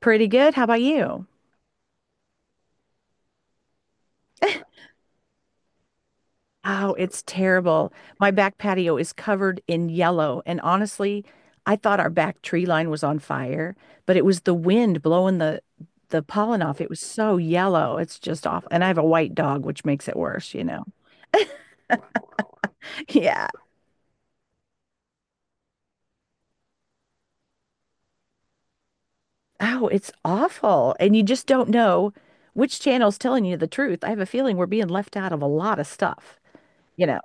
Pretty good. How about you? Oh, it's terrible. My back patio is covered in yellow. And honestly, I thought our back tree line was on fire, but it was the wind blowing the pollen off. It was so yellow. It's just awful. And I have a white dog, which makes it worse, you know. Yeah. Oh, it's awful. And you just don't know which channel's telling you the truth. I have a feeling we're being left out of a lot of stuff, you know.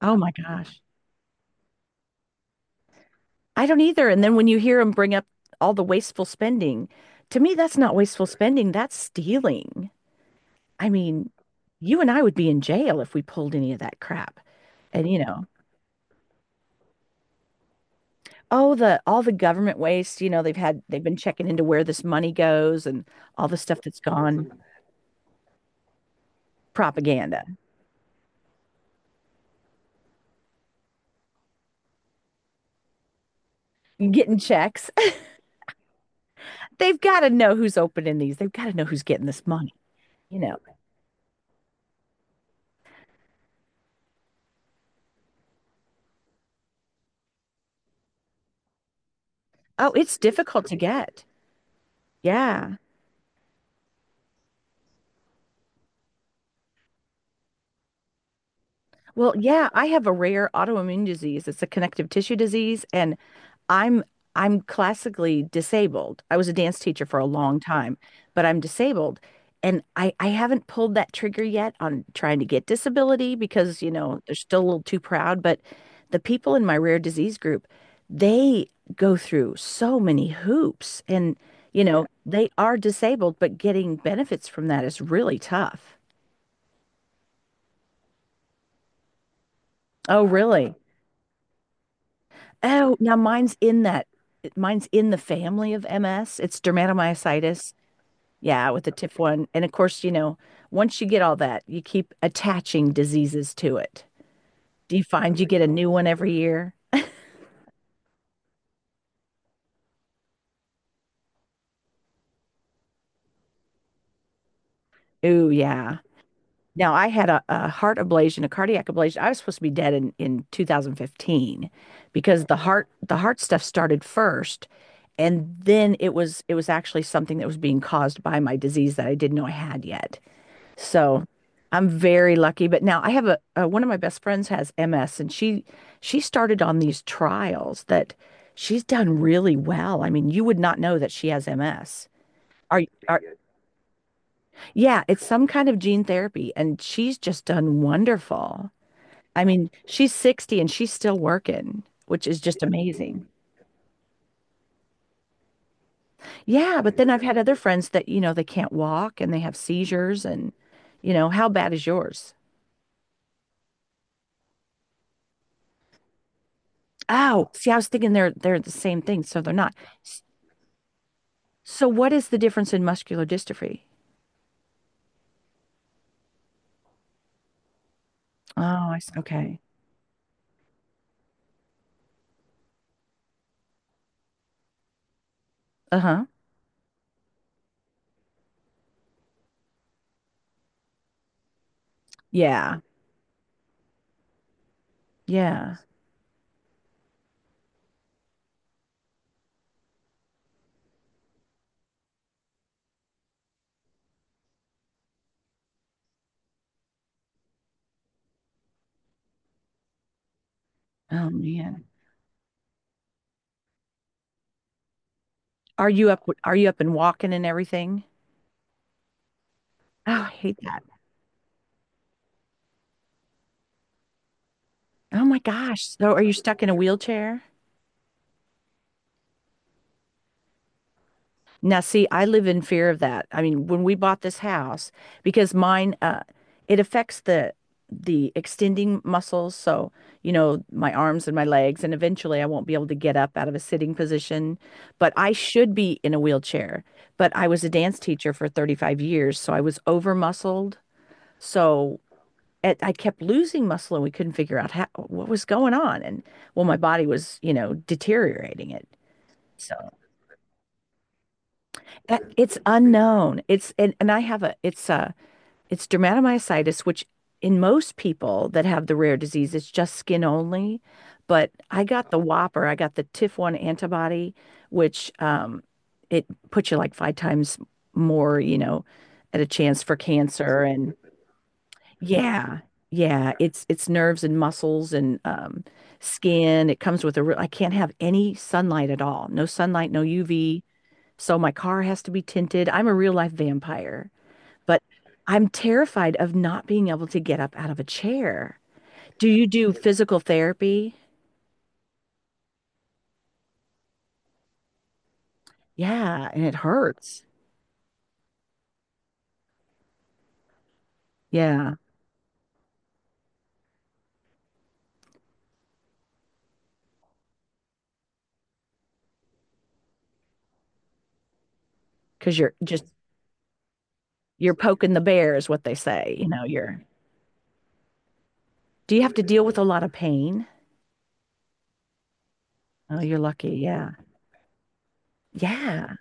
Oh my gosh. I don't either. And then when you hear them bring up all the wasteful spending, to me, that's not wasteful spending, that's stealing. I mean, you and I would be in jail if we pulled any of that crap. And you know, oh, the all the government waste, you know, they've been checking into where this money goes and all the stuff that's gone, propaganda, getting checks. They've got to know who's opening these. They've got to know who's getting this money, you know. Oh, it's difficult to get. Yeah. Well, yeah, I have a rare autoimmune disease. It's a connective tissue disease, and I'm I'm classically disabled. I was a dance teacher for a long time, but I'm disabled, and I haven't pulled that trigger yet on trying to get disability because, you know, they're still a little too proud, but the people in my rare disease group, they go through so many hoops and, you know, they are disabled, but getting benefits from that is really tough. Oh, really? Oh, now mine's in that. Mine's in the family of MS. It's dermatomyositis. Yeah, with the TIF one. And of course, you know, once you get all that, you keep attaching diseases to it. Do you find you get a new one every year? Ooh, yeah. Now, I had a heart ablation, a cardiac ablation. I was supposed to be dead in 2015 because the heart stuff started first. And then it was actually something that was being caused by my disease that I didn't know I had yet. So I'm very lucky. But now I have a, one of my best friends has MS and she started on these trials that she's done really well. I mean, you would not know that she has MS. Are, are yeah, it's some kind of gene therapy and she's just done wonderful. I mean, she's 60 and she's still working, which is just amazing. Yeah, but then I've had other friends that, you know, they can't walk and they have seizures and you know, how bad is yours? Oh, see, I was thinking they're the same thing, so they're not. S- So what is the difference in muscular dystrophy? Oh, I see. Okay. Uh-huh. Yeah. Yeah. Oh man. Are you up and walking and everything? Oh, I hate that. Oh my gosh. So are you stuck in a wheelchair? Now, see, I live in fear of that. I mean, when we bought this house, because mine, it affects the extending muscles. So, you know, my arms and my legs, and eventually I won't be able to get up out of a sitting position. But I should be in a wheelchair. But I was a dance teacher for 35 years, so I was over muscled. So it, I kept losing muscle, and we couldn't figure out how, what was going on. And well, my body was, you know, deteriorating it. So that it's unknown. It's and, I have a it's dermatomyositis, which in most people that have the rare disease, it's just skin only. But I got the whopper. I got the TIF-1 antibody, which it puts you like 5 times more, you know, at a chance for cancer. And yeah, yeah, it's nerves and muscles and skin. It comes with a real, I can't have any sunlight at all. No sunlight, no UV. So my car has to be tinted. I'm a real life vampire, but I'm terrified of not being able to get up out of a chair. Do you do physical therapy? Yeah, and it hurts. Yeah, because you're poking the bear is what they say. You know, you're do you have to deal with a lot of pain? Oh, you're lucky. Yeah. Yeah.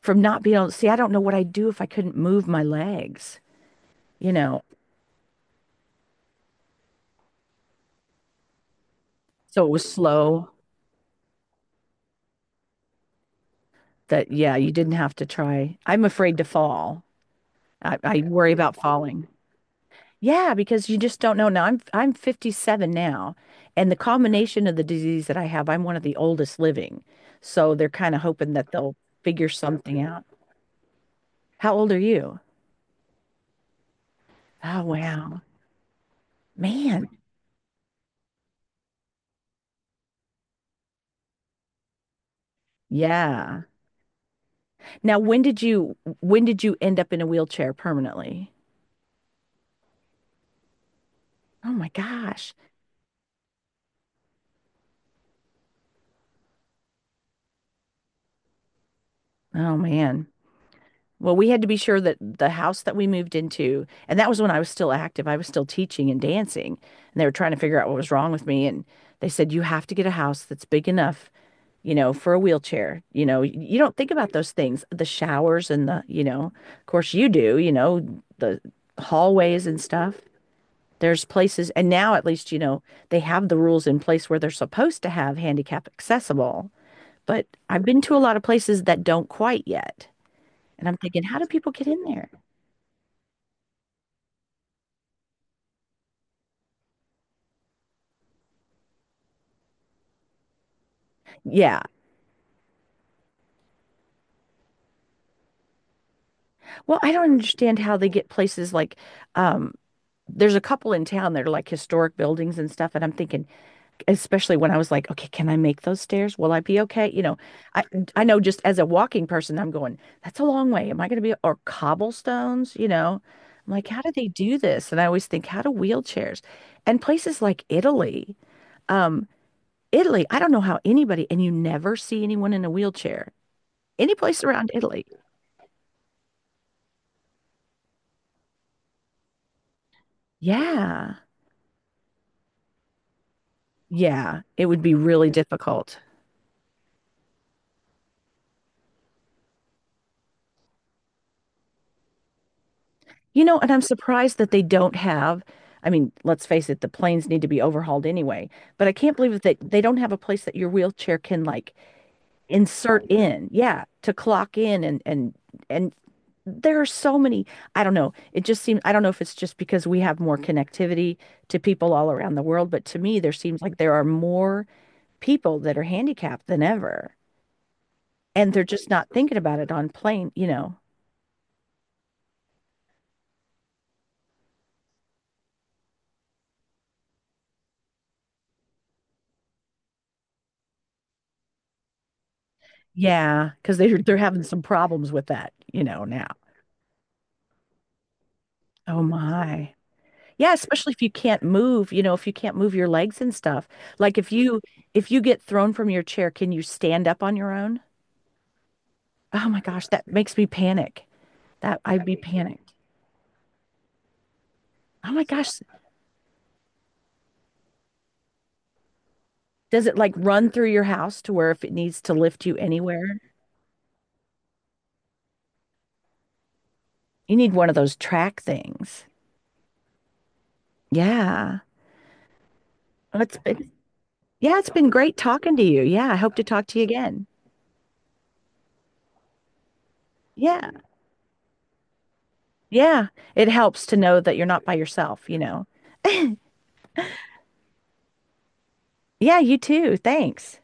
From not being able to see, I don't know what I'd do if I couldn't move my legs, you know. So it was slow that yeah, you didn't have to try. I'm afraid to fall. I worry about falling. Yeah, because you just don't know. Now I'm 57 now, and the combination of the disease that I have, I'm one of the oldest living. So they're kind of hoping that they'll figure something out. How old are you? Oh, wow. Man. Yeah. Now, when did you end up in a wheelchair permanently? Oh my gosh. Oh man. Well, we had to be sure that the house that we moved into, and that was when I was still active, I was still teaching and dancing, and they were trying to figure out what was wrong with me. And they said, you have to get a house that's big enough, you know, for a wheelchair. You know, you don't think about those things, the showers and the, you know, of course you do, you know, the hallways and stuff. There's places, and now at least, you know, they have the rules in place where they're supposed to have handicap accessible. But I've been to a lot of places that don't quite yet. And I'm thinking, how do people get in there? Yeah. Well, I don't understand how they get places like um there's a couple in town that are like historic buildings and stuff and I'm thinking especially when I was like, okay, can I make those stairs? Will I be okay? You know, I I know just as a walking person I'm going, that's a long way. Am I going to be or cobblestones, you know? I'm like, how do they do this? And I always think, how do wheelchairs? And places like Italy, um Italy, I don't know how anybody and you never see anyone in a wheelchair. Any place around Italy. Yeah. Yeah, it would be really difficult. You know, and I'm surprised that they don't have, I mean, let's face it, the planes need to be overhauled anyway, but I can't believe that they don't have a place that your wheelchair can like insert in. Yeah, to clock in and and there are so many, I don't know. It just seems I don't know if it's just because we have more connectivity to people all around the world, but to me there seems like there are more people that are handicapped than ever. And they're just not thinking about it on plane, you know. Yeah, because they're having some problems with that, you know, now. Oh my. Yeah, especially if you can't move, you know, if you can't move your legs and stuff. Like if you get thrown from your chair, can you stand up on your own? Oh my gosh, that makes me panic. That I'd be panicked. Oh my gosh, does it like run through your house to where if it needs to lift you anywhere? You need one of those track things. Yeah. Well, it's been, yeah, it's been great talking to you. Yeah, I hope to talk to you again. Yeah. Yeah, it helps to know that you're not by yourself, you know. Yeah, you too. Thanks.